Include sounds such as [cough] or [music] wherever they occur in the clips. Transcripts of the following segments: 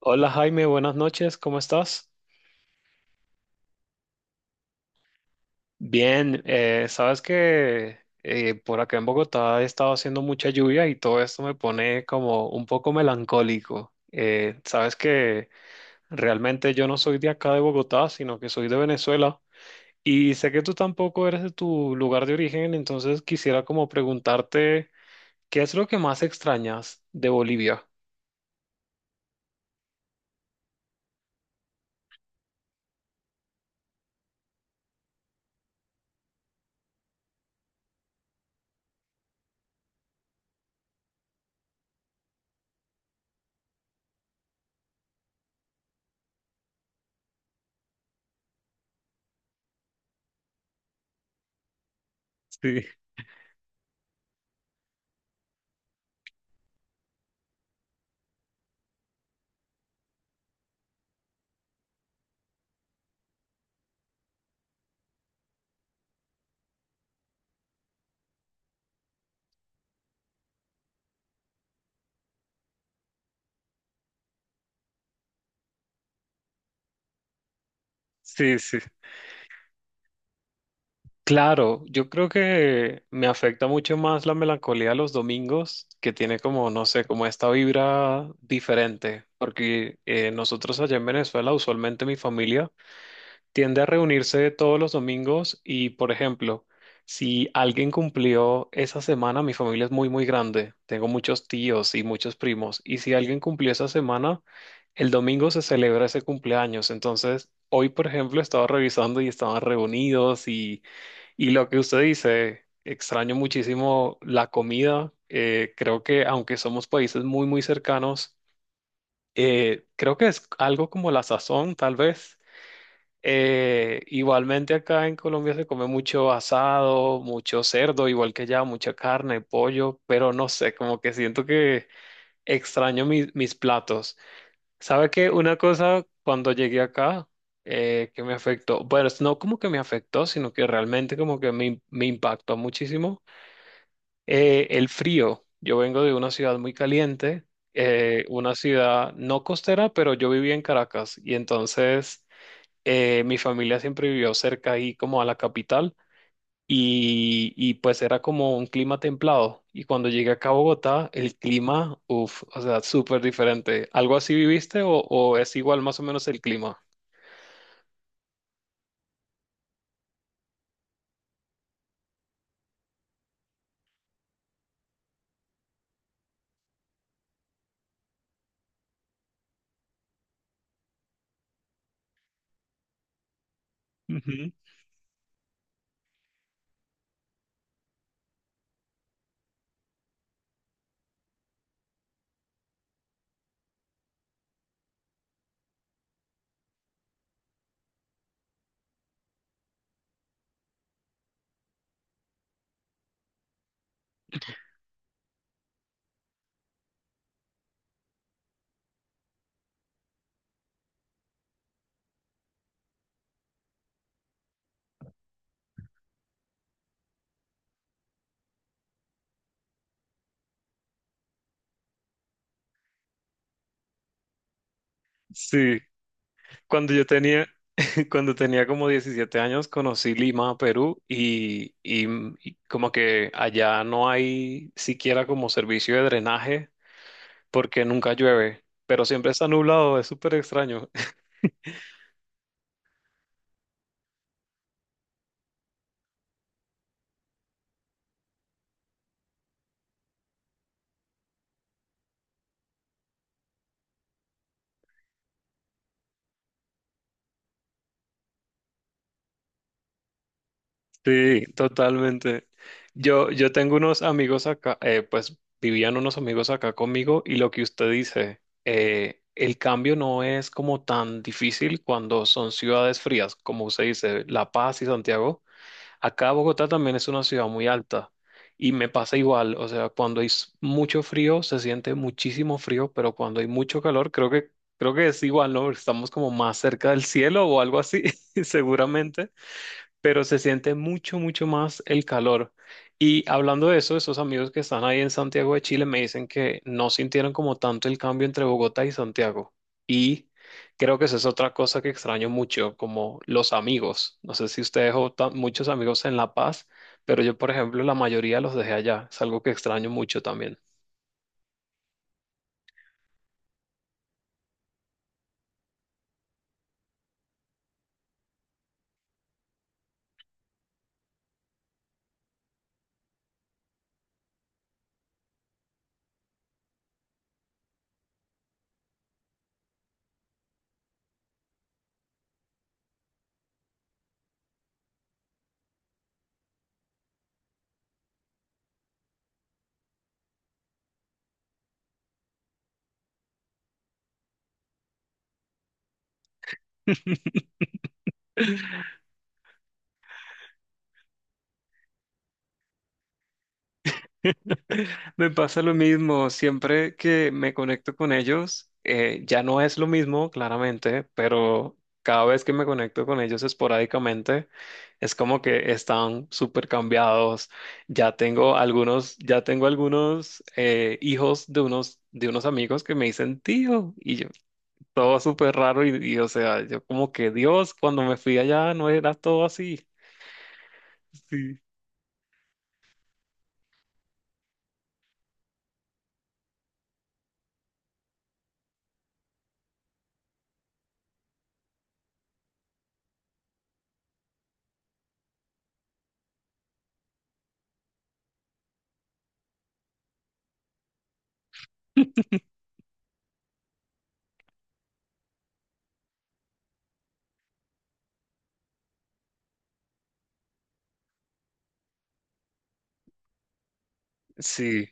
Hola Jaime, buenas noches, ¿cómo estás? Bien, sabes que por acá en Bogotá ha estado haciendo mucha lluvia y todo esto me pone como un poco melancólico. Sabes que realmente yo no soy de acá de Bogotá, sino que soy de Venezuela y sé que tú tampoco eres de tu lugar de origen, entonces quisiera como preguntarte, ¿qué es lo que más extrañas de Bolivia? Sí, sí, sí. Claro, yo creo que me afecta mucho más la melancolía los domingos, que tiene como, no sé, como esta vibra diferente, porque nosotros allá en Venezuela, usualmente mi familia tiende a reunirse todos los domingos y, por ejemplo, si alguien cumplió esa semana, mi familia es muy, muy grande, tengo muchos tíos y muchos primos, y si alguien cumplió esa semana, el domingo se celebra ese cumpleaños, entonces... Hoy, por ejemplo, estaba revisando y estaban reunidos y lo que usted dice, extraño muchísimo la comida. Creo que aunque somos países muy, muy cercanos, creo que es algo como la sazón, tal vez. Igualmente acá en Colombia se come mucho asado, mucho cerdo, igual que allá, mucha carne, pollo, pero no sé, como que siento que extraño mis platos. ¿Sabe qué? Una cosa cuando llegué acá que me afectó, bueno, es no como que me afectó, sino que realmente como que me impactó muchísimo, el frío. Yo vengo de una ciudad muy caliente, una ciudad no costera, pero yo vivía en Caracas y entonces mi familia siempre vivió cerca ahí como a la capital y pues era como un clima templado. Y cuando llegué acá a Bogotá, el clima, uff, o sea, súper diferente. ¿Algo así viviste o es igual más o menos el clima? Ujú. Sí, cuando yo tenía, cuando tenía como 17 años conocí Lima, Perú, y, y como que allá no hay siquiera como servicio de drenaje porque nunca llueve, pero siempre está nublado, es súper extraño. [laughs] Sí, totalmente. Yo tengo unos amigos acá, pues vivían unos amigos acá conmigo y lo que usted dice, el cambio no es como tan difícil cuando son ciudades frías, como usted dice, La Paz y Santiago. Acá Bogotá también es una ciudad muy alta y me pasa igual, o sea, cuando hay mucho frío se siente muchísimo frío, pero cuando hay mucho calor creo que es igual, ¿no? Estamos como más cerca del cielo o algo así, [laughs] seguramente pero se siente mucho, mucho más el calor. Y hablando de eso, esos amigos que están ahí en Santiago de Chile me dicen que no sintieron como tanto el cambio entre Bogotá y Santiago. Y creo que esa es otra cosa que extraño mucho, como los amigos. No sé si ustedes o muchos amigos en La Paz, pero yo, por ejemplo, la mayoría los dejé allá. Es algo que extraño mucho también. Me pasa lo mismo, siempre que me conecto con ellos, ya no es lo mismo, claramente, pero cada vez que me conecto con ellos esporádicamente, es como que están súper cambiados. Ya tengo algunos hijos de unos amigos que me dicen tío, y yo, todo súper raro, y, o sea, yo como que Dios, cuando me fui allá no era todo así. Sí. Sí.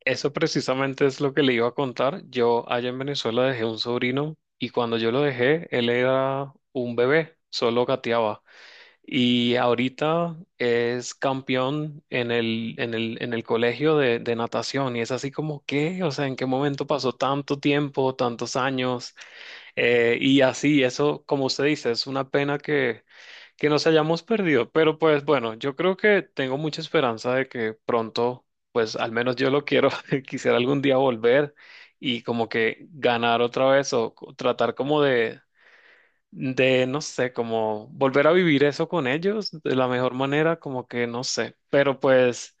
Eso precisamente es lo que le iba a contar. Yo allá en Venezuela dejé un sobrino y cuando yo lo dejé, él era un bebé, solo gateaba. Y ahorita es campeón en el, en el, en el colegio de natación y es así como, ¿qué? O sea, ¿en qué momento pasó tanto tiempo, tantos años? Y así, eso, como usted dice, es una pena que nos hayamos perdido. Pero pues bueno, yo creo que tengo mucha esperanza de que pronto, pues al menos yo lo quiero, [laughs] quisiera algún día volver y como que ganar otra vez o tratar como de, no sé, como volver a vivir eso con ellos de la mejor manera, como que no sé. Pero pues...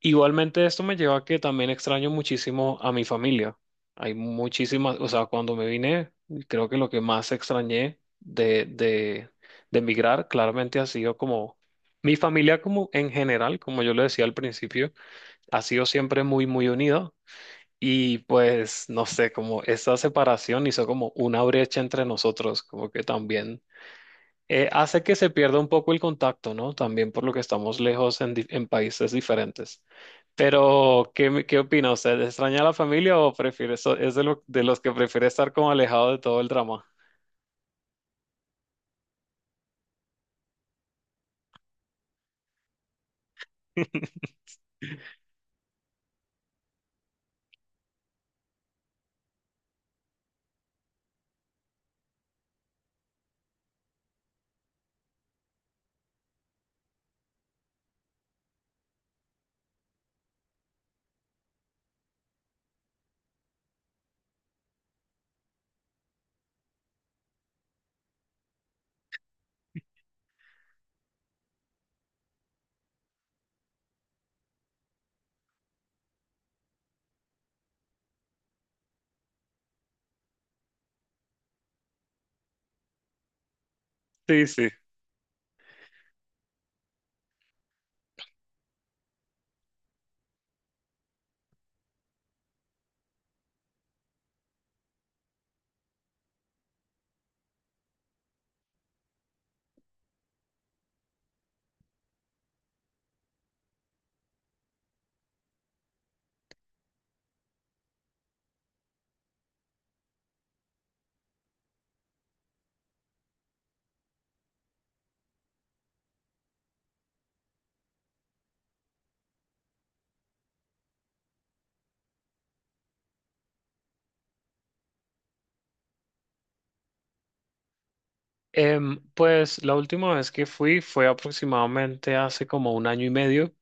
Igualmente esto me lleva a que también extraño muchísimo a mi familia. Hay muchísimas, o sea, cuando me vine, creo que lo que más extrañé de emigrar claramente ha sido como mi familia como en general, como yo le decía al principio, ha sido siempre muy, muy unida y pues no sé, como esa separación hizo como una brecha entre nosotros, como que también hace que se pierda un poco el contacto, ¿no? También por lo que estamos lejos en, en países diferentes. Pero, ¿qué, qué opina usted? ¿Extraña a la familia o prefiere, es de, de los que prefiere estar como alejado de todo el drama? Sí, sí. Em, pues la última vez que fui fue aproximadamente hace como un año y medio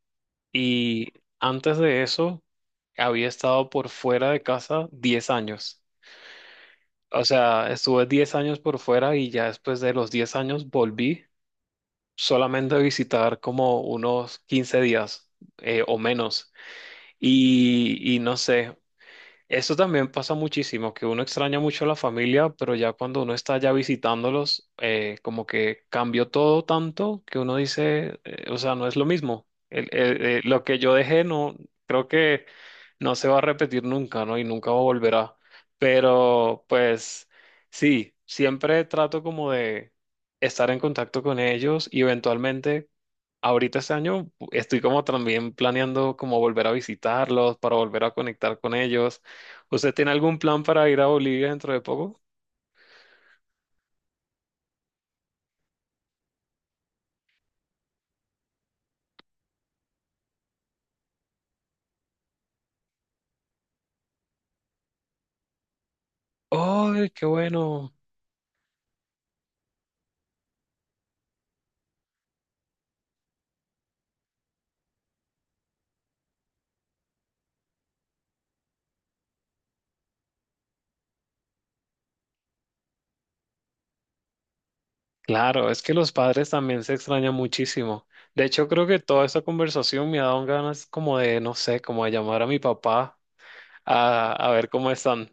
y antes de eso había estado por fuera de casa 10 años. O sea, estuve 10 años por fuera y ya después de los 10 años volví solamente visitar como unos 15 días o menos. Y no sé, eso también pasa muchísimo, que uno extraña mucho a la familia, pero ya cuando uno está ya visitándolos, como que cambió todo tanto que uno dice, o sea, no es lo mismo. Lo que yo dejé no, creo que no se va a repetir nunca, ¿no? Y nunca volverá. Pero pues sí, siempre trato como de estar en contacto con ellos y eventualmente ahorita este año estoy como también planeando como volver a visitarlos, para volver a conectar con ellos. ¿Usted tiene algún plan para ir a Bolivia dentro de poco? ¡Ay, qué bueno! Claro, es que los padres también se extrañan muchísimo. De hecho, creo que toda esta conversación me ha dado ganas como de, no sé, como de llamar a mi papá a ver cómo están.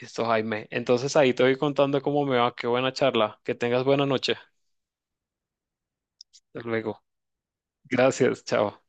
Listo, Jaime. Entonces ahí te voy contando cómo me va. Qué buena charla. Que tengas buena noche. Hasta luego. Gracias. Chao.